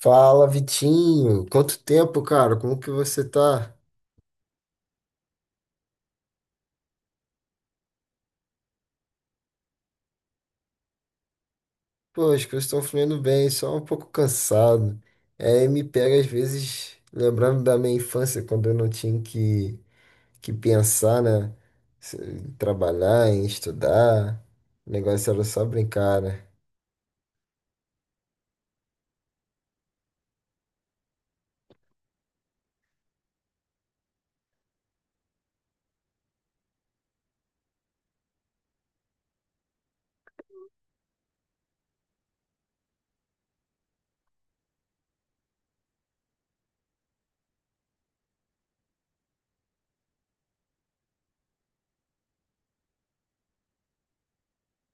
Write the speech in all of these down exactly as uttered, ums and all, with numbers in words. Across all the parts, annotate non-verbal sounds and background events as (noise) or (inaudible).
Fala, Vitinho. Quanto tempo, cara? Como que você tá? Pô, as coisas estão fluindo bem, só um pouco cansado. É, me pega às vezes lembrando da minha infância, quando eu não tinha que, que pensar, né? Se- Em trabalhar, em estudar. O negócio era só brincar, né?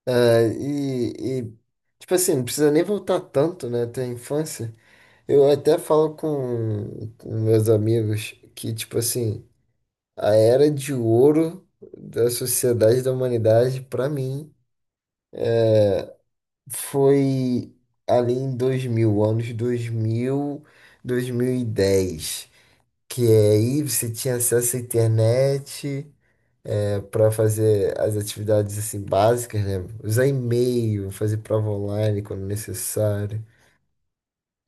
É. E, e, tipo assim, não precisa nem voltar tanto, né? Até a infância. Eu até falo com, com meus amigos que, tipo assim. A era de ouro da sociedade da humanidade, para mim, foi ali em dois mil, anos dois dois mil, dois mil e dez, que é aí você tinha acesso à internet para fazer as atividades assim básicas, né? Usar e-mail, fazer prova online quando necessário.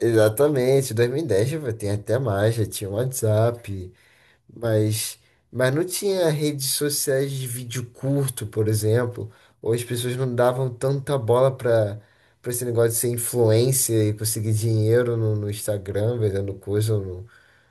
Exatamente, dois mil e dez já vai- tem até mais, já tinha WhatsApp. Mas, mas não tinha redes sociais de vídeo curto, por exemplo, ou as pessoas não davam tanta bola para para esse negócio de ser influencer e conseguir dinheiro no, no Instagram vendendo coisa,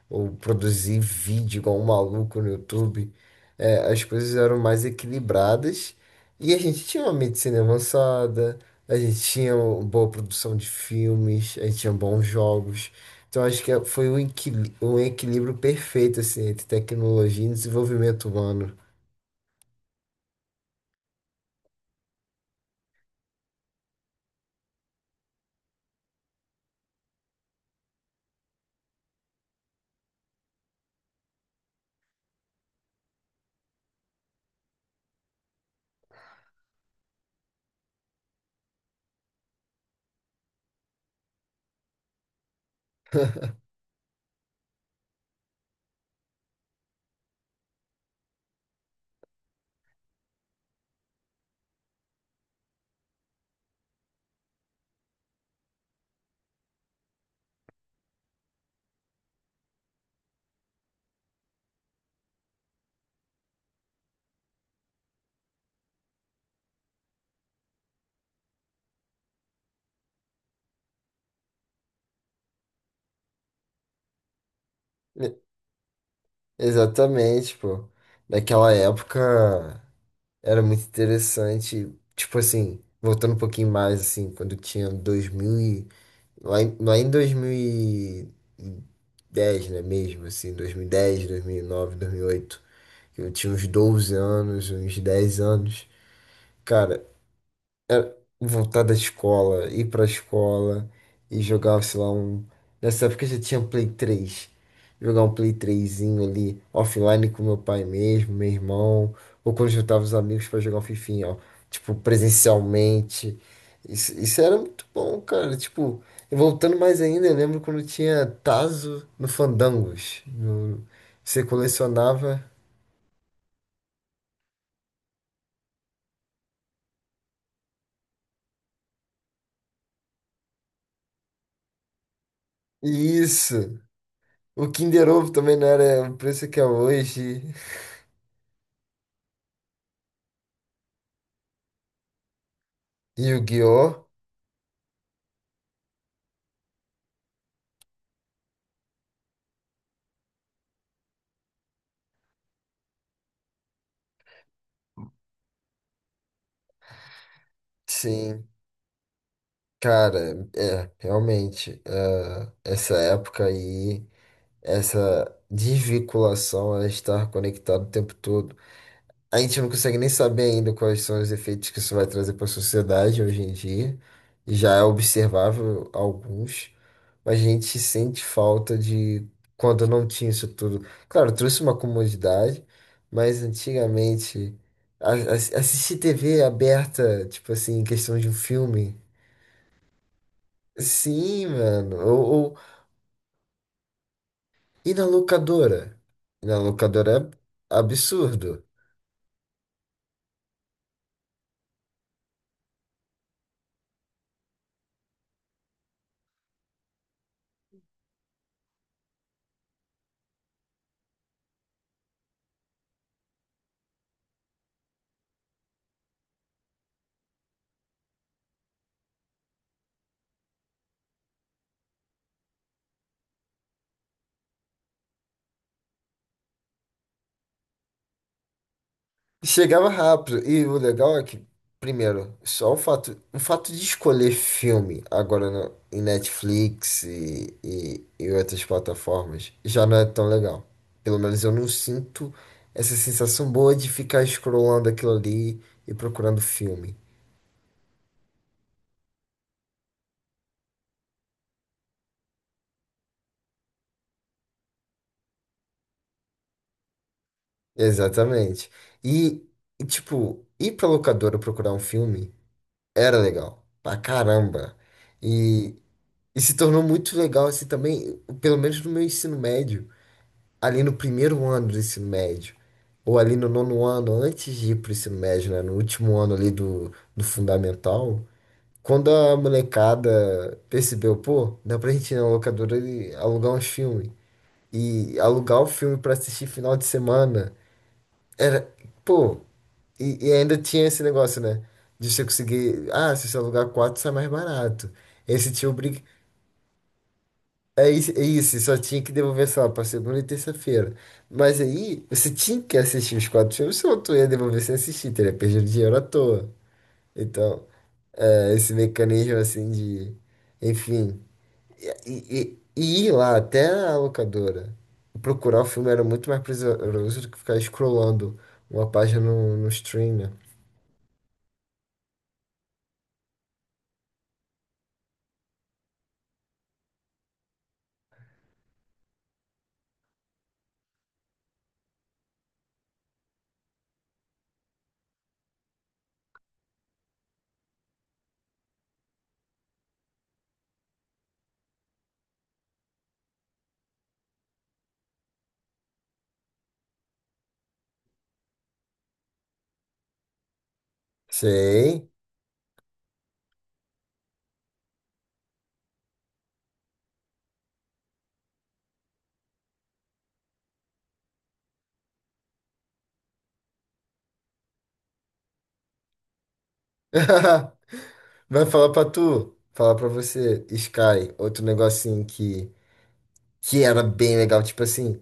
ou produzir vídeo igual um maluco no YouTube. É, as coisas eram mais equilibradas e a gente tinha uma medicina avançada, a gente tinha uma boa produção de filmes, a gente tinha bons jogos. Então acho que foi um equili- um equilíbrio perfeito assim, entre tecnologia e desenvolvimento humano. (laughs) E- Exatamente, pô. Naquela época era muito interessante. Tipo assim, voltando um pouquinho mais, assim, quando tinha Lá em, lá em dois mil e dez, né, mesmo, assim, dois dois mil mil dez, dois mil e nove, dois mil e dez, dois mil e nove, oito, eu tinha uns doze anos, uns dez anos. Cara, voltar da escola, ir pra escola e jogar, sei lá, um. Nessa época eu já tinha um Play três, jogar um Play trêsinho ali, offline com meu pai mesmo, meu irmão, ou quando juntava os amigos pra jogar um fifinha, ó, tipo, presencialmente. Isso, isso era muito bom, cara. Tipo, e voltando mais ainda, eu lembro quando tinha Tazo no Fandangos. No- você colecionava. Isso! O Kinder Ovo também não era o preço que é hoje. Yu-Gi-Oh! Sim, cara, é, realmente, é, essa época aí, essa desvinculação a estar conectado o tempo todo. A gente não consegue nem saber ainda quais são os efeitos que isso vai trazer para a sociedade hoje em dia. Já é observável alguns, mas a gente sente falta de quando não tinha isso tudo. Claro, trouxe uma comodidade, mas antigamente a- a- assistir T V aberta, tipo assim, em questão de um filme. Sim, mano. Ou, ou- E na locadora? E na locadora é absurdo. Chegava rápido. E o legal é que, primeiro, só o fato, o fato de escolher filme agora no, em Netflix e, e, e outras plataformas já não é tão legal. Pelo menos eu não sinto essa sensação boa de ficar scrollando aquilo ali e procurando filme. Exatamente. E, e, tipo, ir pra locadora procurar um filme. Era legal, pra caramba. E, e se tornou muito legal assim também, pelo menos no meu ensino médio, ali no primeiro ano do ensino médio, ou ali no nono ano, antes de ir pro ensino médio, né, no último ano ali do, do fundamental, quando a molecada percebeu, pô, dá pra gente ir na locadora e alugar uns filmes. E alugar o filme pra assistir final de semana era, pô, e, e ainda tinha esse negócio, né? De você conseguir. Ah, se você alugar quatro, sai mais barato. Esse tinha obriga. É isso, é isso, só tinha que devolver, sei lá, pra segunda e terça-feira. Mas aí, você tinha que assistir os quatro filmes, senão tu ia devolver sem assistir, teria perdido dinheiro à toa. Então, é, esse mecanismo assim de. Enfim. E, e- e ir lá até a locadora procurar o filme era muito mais prazeroso do que ficar scrollando uma página no, no stream, né? Sei. (laughs) Vai falar pra tu, falar pra você, Sky, outro negocinho que, que era bem legal, tipo assim,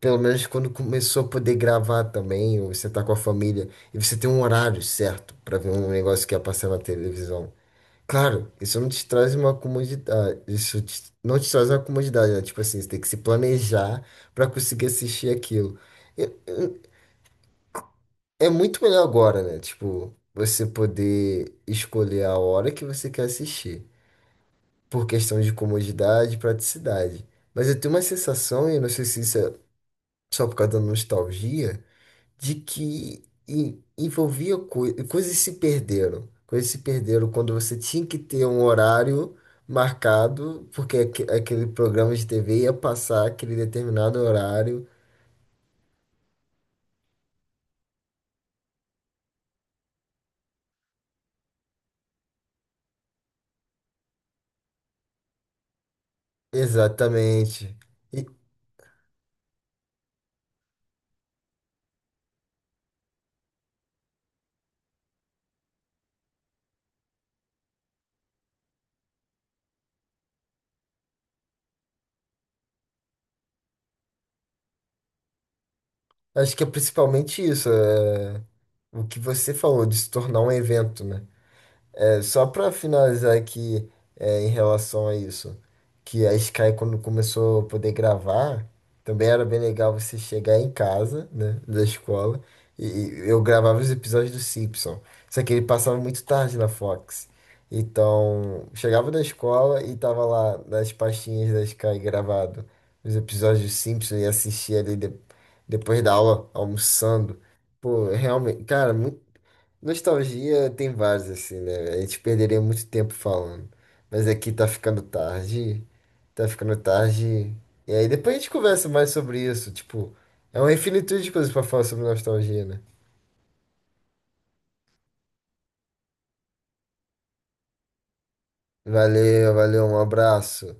pelo menos quando começou a poder gravar também, ou você tá com a família, e você tem um horário certo pra ver um negócio que ia passar na televisão. Claro, isso não te traz uma comodidade, isso te- não te traz uma comodidade, né? Tipo assim, você tem que se planejar pra conseguir assistir aquilo. E- e- É muito melhor agora, né? Tipo, você poder escolher a hora que você quer assistir por questão de comodidade e praticidade. Mas eu tenho uma sensação, e eu não sei se isso é só por causa da nostalgia, de que en- envolvia coi coisas se perderam. Coisas se perderam quando você tinha que ter um horário marcado, porque aque- aquele programa de T V ia passar aquele determinado horário. Exatamente. E acho que é principalmente isso, é o que você falou de se tornar um evento, né? É, só para finalizar aqui, é, em relação a isso, que a Sky, quando começou a poder gravar, também era bem legal você chegar em casa, né, da escola, e, e eu gravava os episódios do Simpson. Só que ele passava muito tarde na Fox. Então, chegava da escola e tava lá nas pastinhas da Sky gravado os episódios do Simpson e assistia ali de- depois da aula, almoçando. Pô, realmente, cara, muito. Nostalgia tem vários, assim, né? A gente perderia muito tempo falando. Mas aqui tá ficando tarde. Tá ficando tarde. E aí depois a gente conversa mais sobre isso. Tipo, é uma infinitude de coisas pra falar sobre nostalgia, né? Valeu, valeu, um abraço.